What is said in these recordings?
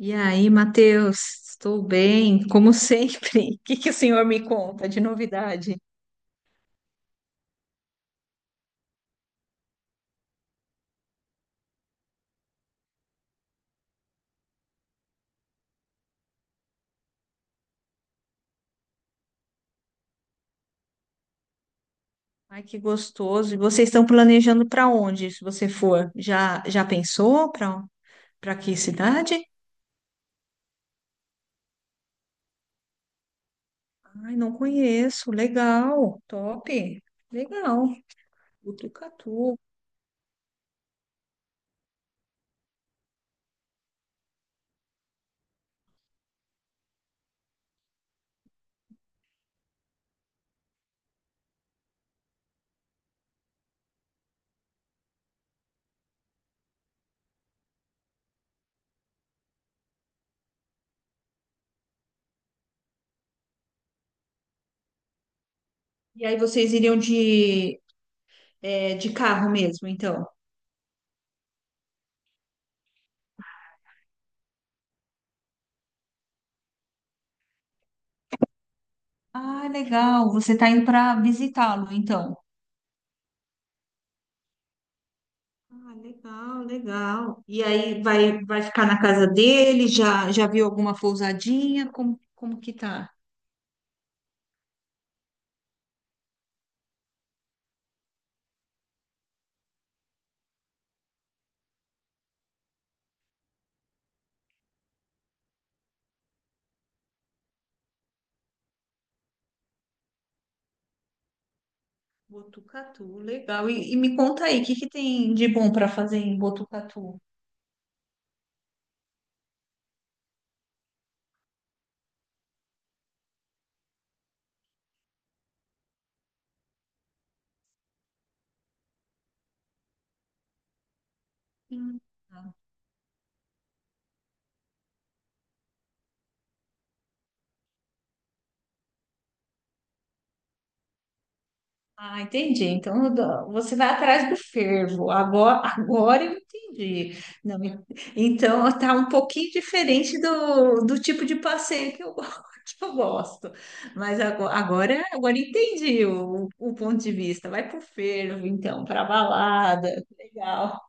E aí, Matheus, estou bem, como sempre. O que que o senhor me conta de novidade? Ai, que gostoso. E vocês estão planejando para onde, se você for? Já já pensou para que cidade? Ai, não conheço. Legal. Top. Legal. Botucatu. E aí vocês iriam de carro mesmo, então? Ah, legal. Você está indo para visitá-lo, então. Ah, legal, legal. E aí vai, vai ficar na casa dele? Já, já viu alguma pousadinha? Como, como que tá? Botucatu, legal. E me conta aí, o que que tem de bom para fazer em Botucatu? Hum. Ah, entendi. Então você vai atrás do fervo. Agora, agora eu entendi. Não, então tá um pouquinho diferente do, do tipo de passeio que eu, que eu gosto. Mas agora, agora, agora entendi o ponto de vista. Vai pro fervo, então, para balada. Legal.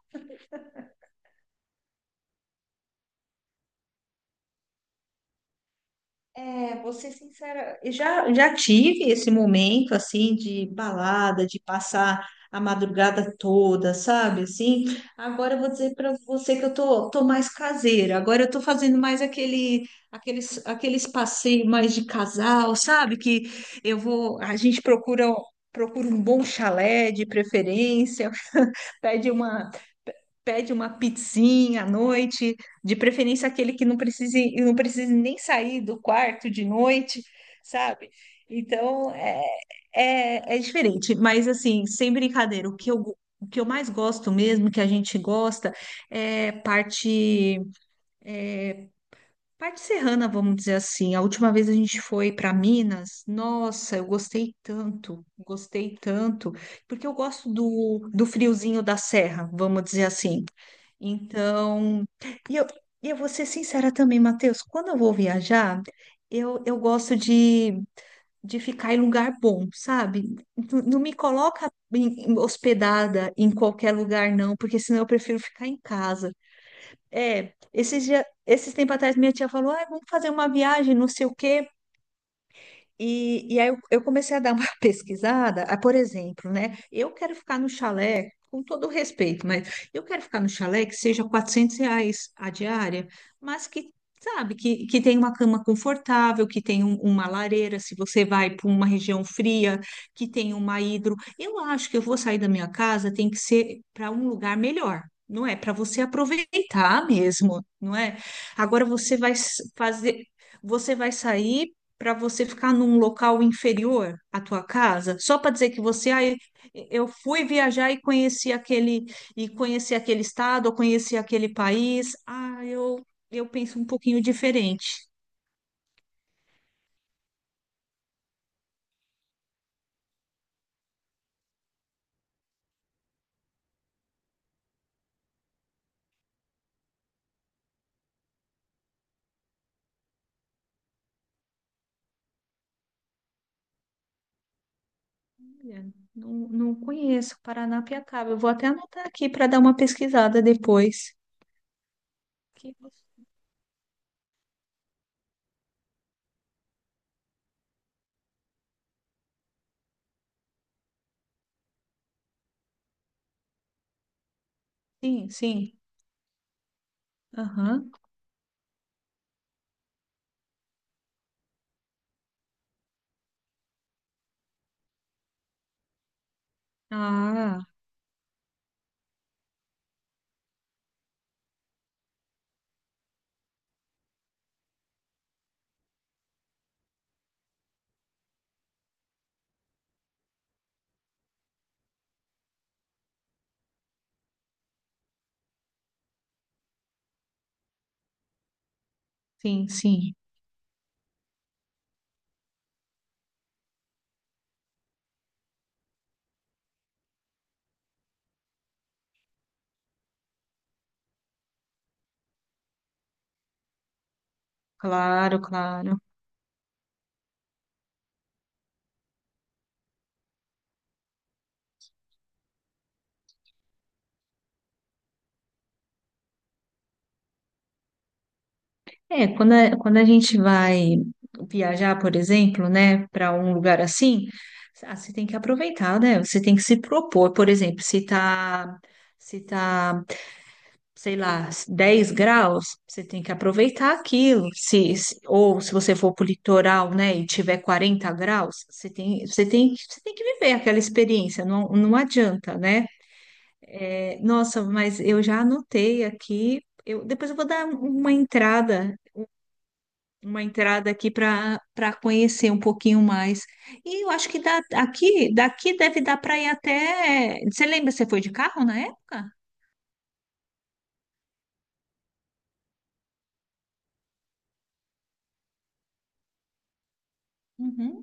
É, vou ser sincera, eu já, já tive esse momento, assim, de balada, de passar a madrugada toda, sabe, assim, agora eu vou dizer para você que eu tô, tô mais caseira, agora eu tô fazendo mais aquele, aqueles, aqueles passeios mais de casal, sabe, que eu vou, a gente procura, procura um bom chalé de preferência. Pede uma, pede uma pizzinha à noite, de preferência aquele que não precise, não precise nem sair do quarto de noite, sabe? Então é diferente, mas assim, sem brincadeira, o que eu mais gosto mesmo, que a gente gosta, é parte. Parte serrana, vamos dizer assim. A última vez a gente foi para Minas. Nossa, eu gostei tanto, porque eu gosto do, do friozinho da serra, vamos dizer assim. Então, e eu, e eu vou ser sincera também, Matheus, quando eu vou viajar, eu gosto de ficar em lugar bom, sabe? Não, não me coloca hospedada em qualquer lugar, não, porque senão eu prefiro ficar em casa. É, esses dias, esses tempos atrás minha tia falou, ah, vamos fazer uma viagem, não sei o quê. E aí eu comecei a dar uma pesquisada, ah, por exemplo, né? Eu quero ficar no chalé, com todo o respeito, mas eu quero ficar no chalé que seja 400 reais a diária, mas que, sabe, que tem uma cama confortável, que tem uma lareira, se você vai para uma região fria, que tem uma hidro. Eu acho que eu vou sair da minha casa, tem que ser para um lugar melhor. Não é para você aproveitar mesmo, não é? Agora você vai fazer, você vai sair para você ficar num local inferior à tua casa, só para dizer que você, ah, eu fui viajar e conheci aquele estado, ou conheci aquele país. Ah, eu penso um pouquinho diferente. Olha, não, não conheço Paranapiacaba. Eu vou até anotar aqui para dar uma pesquisada depois. Que gostoso. Sim, sim. Aham. Ah, sim, sim. Claro, claro. É, quando a, quando a gente vai viajar, por exemplo, né, para um lugar assim, ah, você tem que aproveitar, né? Você tem que se propor, por exemplo, se tá, se tá, sei lá, 10 graus, você tem que aproveitar aquilo. Se, ou se você for para o litoral, né, e tiver 40 graus, você tem, você tem, você tem que viver aquela experiência, não, não adianta, né? É, nossa, mas eu já anotei aqui. Eu, depois eu vou dar uma entrada aqui para conhecer um pouquinho mais. E eu acho que dá, aqui, daqui deve dar para ir até. Você lembra, você foi de carro na época? Uhum,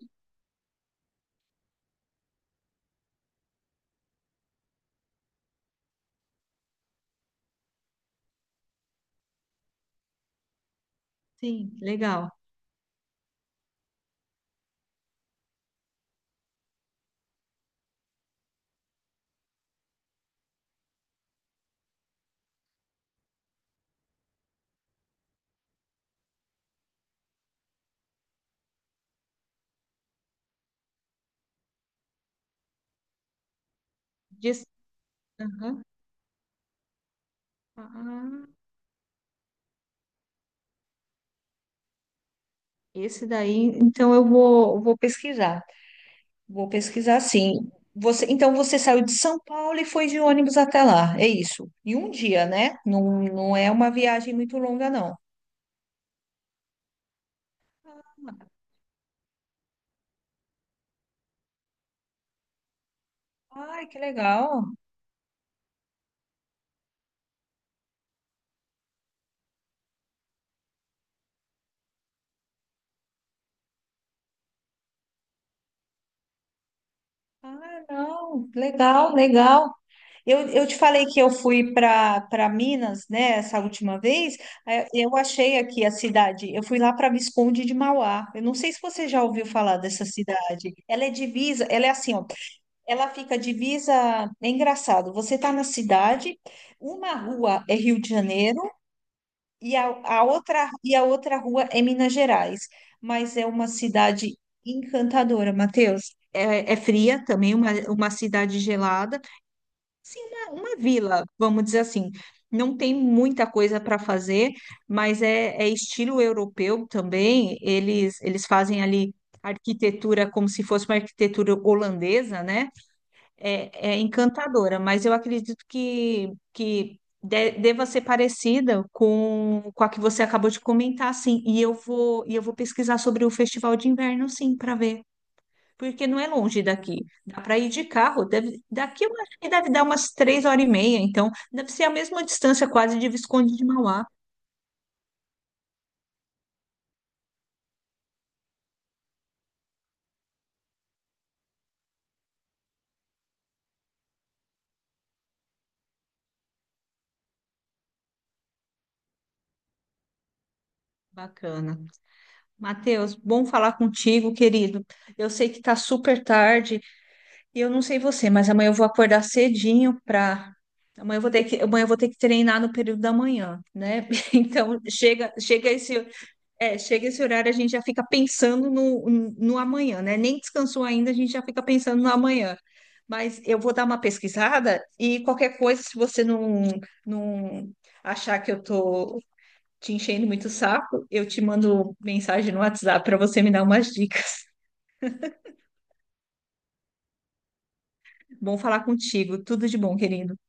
sim, legal. Diz- aham. Ah, esse daí, então eu vou, vou pesquisar. Vou pesquisar sim. Você, então você saiu de São Paulo e foi de ônibus até lá, é isso. Em um dia, né? Não, não é uma viagem muito longa, não. Ai, que legal. Ah, não, legal, legal. Eu te falei que eu fui para Minas, né, essa última vez. Eu achei aqui a cidade. Eu fui lá para Visconde de Mauá. Eu não sei se você já ouviu falar dessa cidade. Ela é divisa, ela é assim, ó, ela fica divisa. É engraçado. Você tá na cidade, uma rua é Rio de Janeiro e a outra e a outra rua é Minas Gerais. Mas é uma cidade encantadora, Matheus. É, é fria também, uma cidade gelada. Sim, uma vila, vamos dizer assim. Não tem muita coisa para fazer, mas é, é estilo europeu também. Eles fazem ali arquitetura como se fosse uma arquitetura holandesa, né? É, é encantadora, mas eu acredito que deva ser parecida com a que você acabou de comentar, sim. E eu vou pesquisar sobre o Festival de Inverno, sim, para ver porque não é longe daqui. Dá para ir de carro. Deve, daqui eu acho que deve dar umas 3 horas e meia, então deve ser a mesma distância quase de Visconde de Mauá. Bacana. Matheus, bom falar contigo, querido. Eu sei que tá super tarde e eu não sei você, mas amanhã eu vou acordar cedinho para amanhã. Eu vou ter que, amanhã eu vou ter que treinar no período da manhã, né? Então chega, chega esse é, chega esse horário, a gente já fica pensando no, no amanhã, né? Nem descansou ainda, a gente já fica pensando no amanhã. Mas eu vou dar uma pesquisada e qualquer coisa, se você não, não achar que eu tô te enchendo muito o saco, eu te mando mensagem no WhatsApp para você me dar umas dicas. Bom falar contigo. Tudo de bom, querido.